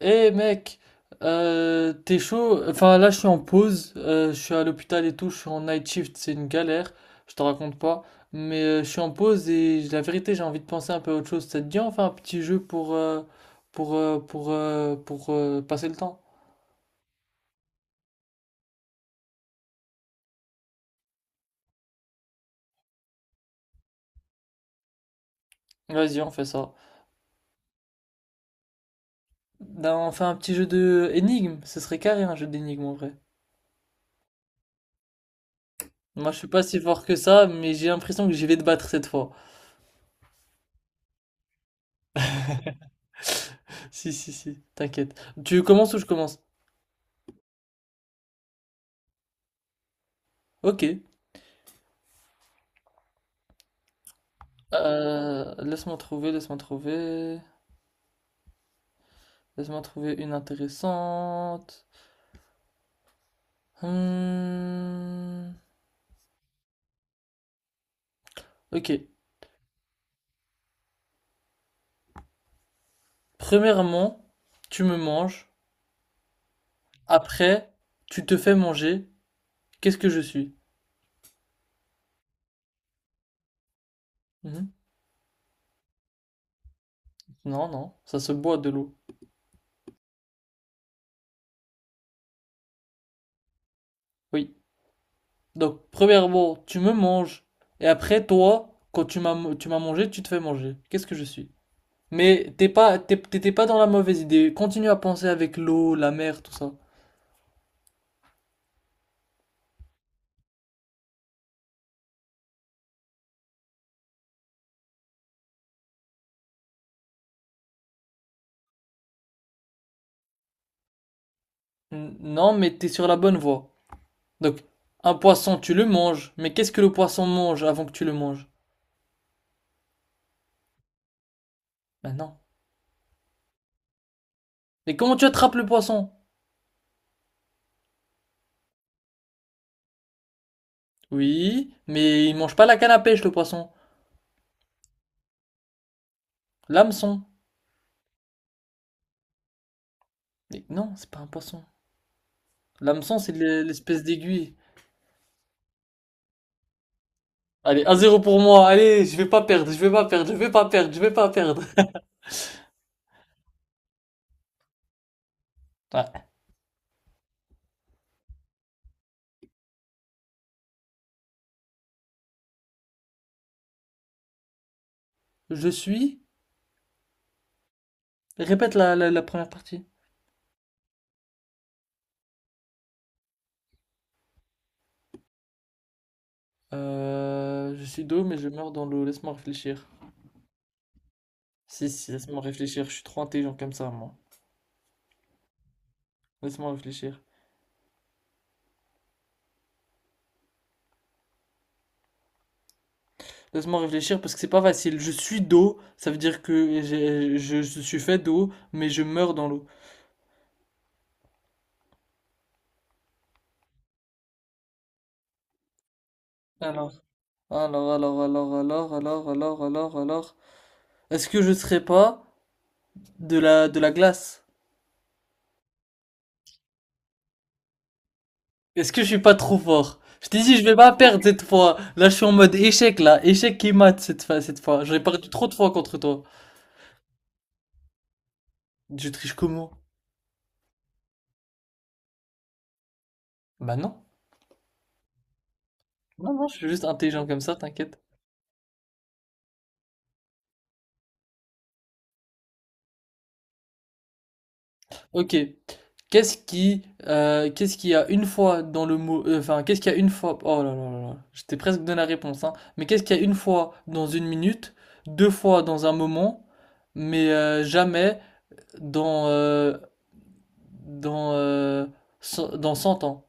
Eh mec, t'es chaud? Enfin là je suis en pause, je suis à l'hôpital et tout, je suis en night shift, c'est une galère, je te raconte pas. Mais je suis en pause et la vérité j'ai envie de penser un peu à autre chose. Ça te dit on fait un petit jeu pour passer le temps? Vas-y on fait ça. Ben, on fait un petit jeu de énigme, ce serait carré un jeu d'énigme en vrai. Moi je suis pas si fort que ça, mais j'ai l'impression que j'y vais te battre cette fois. Si, t'inquiète. Tu commences ou je commence? Ok. Laisse-moi trouver. Laisse-moi trouver une intéressante. Hmm. Ok. Premièrement, tu me manges. Après, tu te fais manger. Qu'est-ce que je suis? Mhm. Non, non, ça se boit de l'eau. Oui. Donc, premièrement, tu me manges. Et après, toi, quand tu m'as mangé, tu te fais manger. Qu'est-ce que je suis? Mais t'es pas, t'étais pas dans la mauvaise idée. Continue à penser avec l'eau, la mer, tout ça. Non, mais t'es sur la bonne voie. Donc, un poisson, tu le manges. Mais qu'est-ce que le poisson mange avant que tu le manges? Maintenant. Et comment tu attrapes le poisson? Oui, mais il mange pas la canne à pêche, le poisson. L'hameçon. Mais non, c'est pas un poisson. L'hameçon, c'est l'espèce d'aiguille. Allez, 1 zéro pour moi. Allez, je vais pas perdre, je vais pas perdre, je vais pas perdre, je vais pas perdre. Ouais. Je suis. Répète la première partie. Je suis d'eau, mais je meurs dans l'eau. Laisse-moi réfléchir. Si, si, laisse-moi réfléchir. Je suis trop intelligent comme ça, moi. Laisse-moi réfléchir. Laisse-moi réfléchir parce que c'est pas facile. Je suis d'eau, ça veut dire que je suis fait d'eau, mais je meurs dans l'eau. Alors, alors, alors. Est-ce que je serais pas de la glace? Est-ce que je suis pas trop fort? Je t'ai dit, je vais pas perdre cette fois. Là, je suis en mode échec, là. Échec qui mate cette fois, cette fois. J'ai perdu trop de fois contre toi. Je triche comment? Bah non. Non, non, je suis juste intelligent comme ça, t'inquiète. Ok. Qu'est-ce qui, qu'est-ce qu'il y a une fois dans le mot, enfin, qu'est-ce qu'il y a une fois, oh là là là là, j'étais presque donné la réponse, hein, mais qu'est-ce qu'il y a une fois dans une minute, deux fois dans un moment, mais jamais dans, euh, dans, euh, dans cent ans?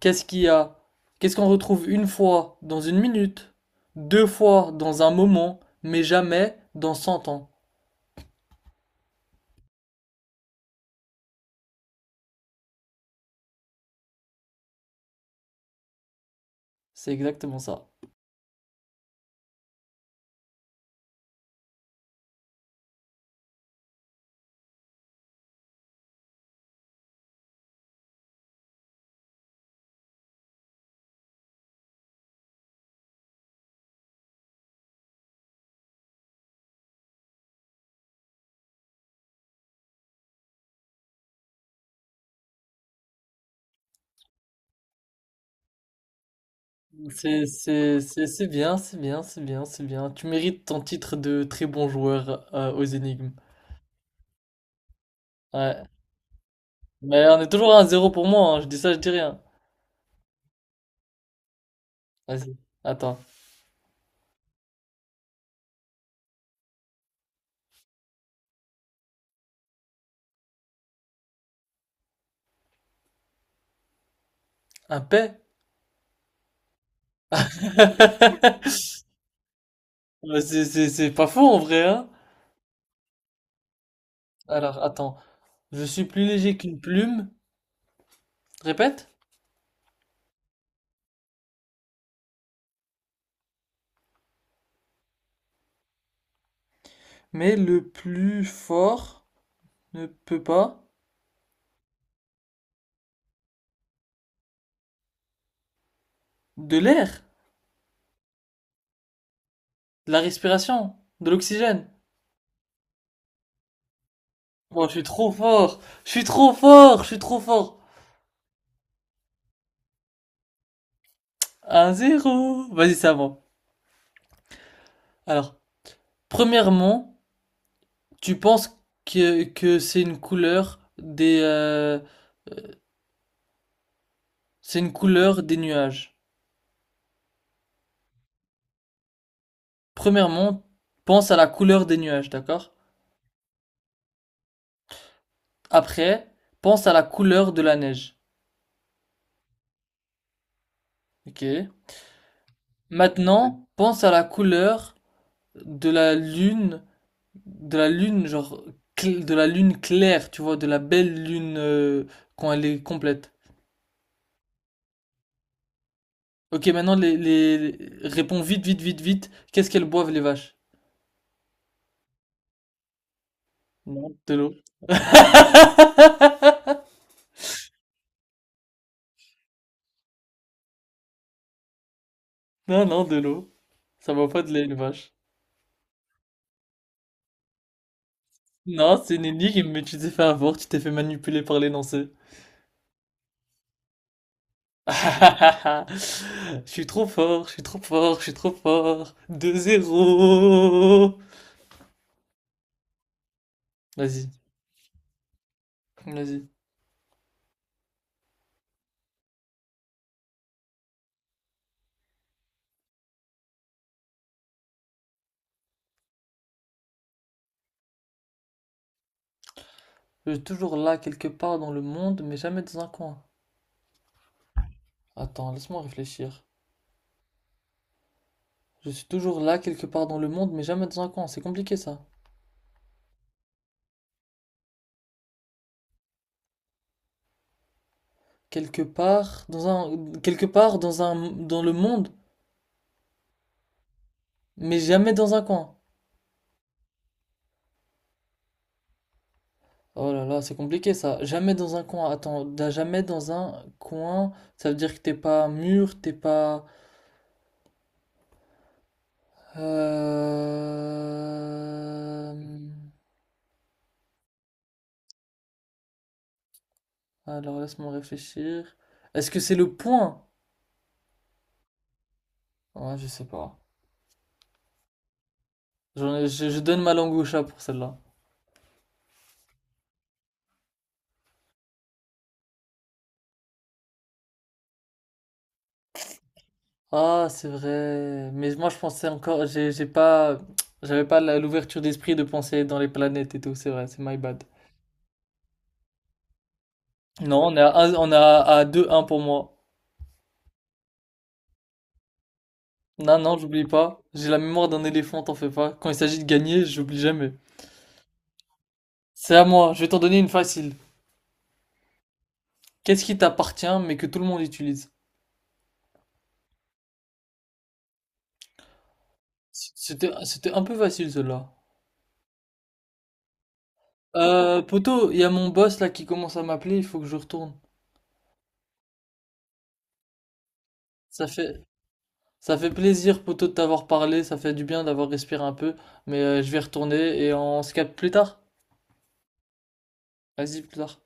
Qu'est-ce qu'il y a, qu'est-ce qu'on retrouve une fois dans une minute, deux fois dans un moment, mais jamais dans 100 ans? C'est exactement ça. C'est bien, c'est bien. Tu mérites ton titre de très bon joueur aux énigmes. Ouais. Mais on est toujours à 1-0 pour moi, hein. Je dis ça, je dis rien. Vas-y, attends. Un P? C'est pas faux en vrai, hein? Alors, attends. Je suis plus léger qu'une plume. Répète. Mais le plus fort ne peut pas. De l'air, de la respiration, de l'oxygène. Bon, je suis trop fort. Je suis trop fort. Je suis trop fort. 1 zéro Vas-y, ça va. Alors, premièrement, tu penses que c'est une couleur c'est une couleur des nuages. Premièrement, pense à la couleur des nuages, d'accord? Après, pense à la couleur de la neige. Ok. Maintenant, pense à la couleur de la lune, de la lune, genre, de la lune claire, tu vois, de la belle lune, quand elle est complète. Ok, maintenant, réponds vite. Qu'est-ce qu'elles boivent, les vaches? Non, de l'eau. Non, non, de l'eau. Ça va pas de lait, une vache. Non, c'est une énigme, mais tu t'es fait avoir, tu t'es fait manipuler par l'énoncé. Je suis trop fort. 2 zéro. Vas-y, vas-y. Je suis toujours là quelque part dans le monde, mais jamais dans un coin. Attends, laisse-moi réfléchir. Je suis toujours là quelque part dans le monde, mais jamais dans un coin. C'est compliqué ça. Quelque part dans un, dans le monde, mais jamais dans un coin. Oh là là, c'est compliqué ça. Jamais dans un coin. Attends, jamais dans un coin, ça veut dire que t'es pas mûr, t'es pas. Euh... Alors laisse-moi réfléchir. Est-ce que c'est le point? Ouais, je sais pas. Je donne ma langue au chat pour celle-là. Ah, c'est vrai. Mais moi, je pensais encore. J'ai pas. J'avais pas l'ouverture d'esprit de penser dans les planètes et tout. C'est vrai, c'est my bad. Non, on est à, à 2-1 pour moi. Non, non, j'oublie pas. J'ai la mémoire d'un éléphant, t'en fais pas. Quand il s'agit de gagner, j'oublie jamais. C'est à moi, je vais t'en donner une facile. Qu'est-ce qui t'appartient mais que tout le monde utilise? C'était un peu facile celle-là. Poto, il y a mon boss là qui commence à m'appeler, il faut que je retourne. Ça fait, ça fait plaisir, poto, de t'avoir parlé, ça fait du bien d'avoir respiré un peu, mais je vais retourner et on se capte plus tard. Vas-y, plus tard.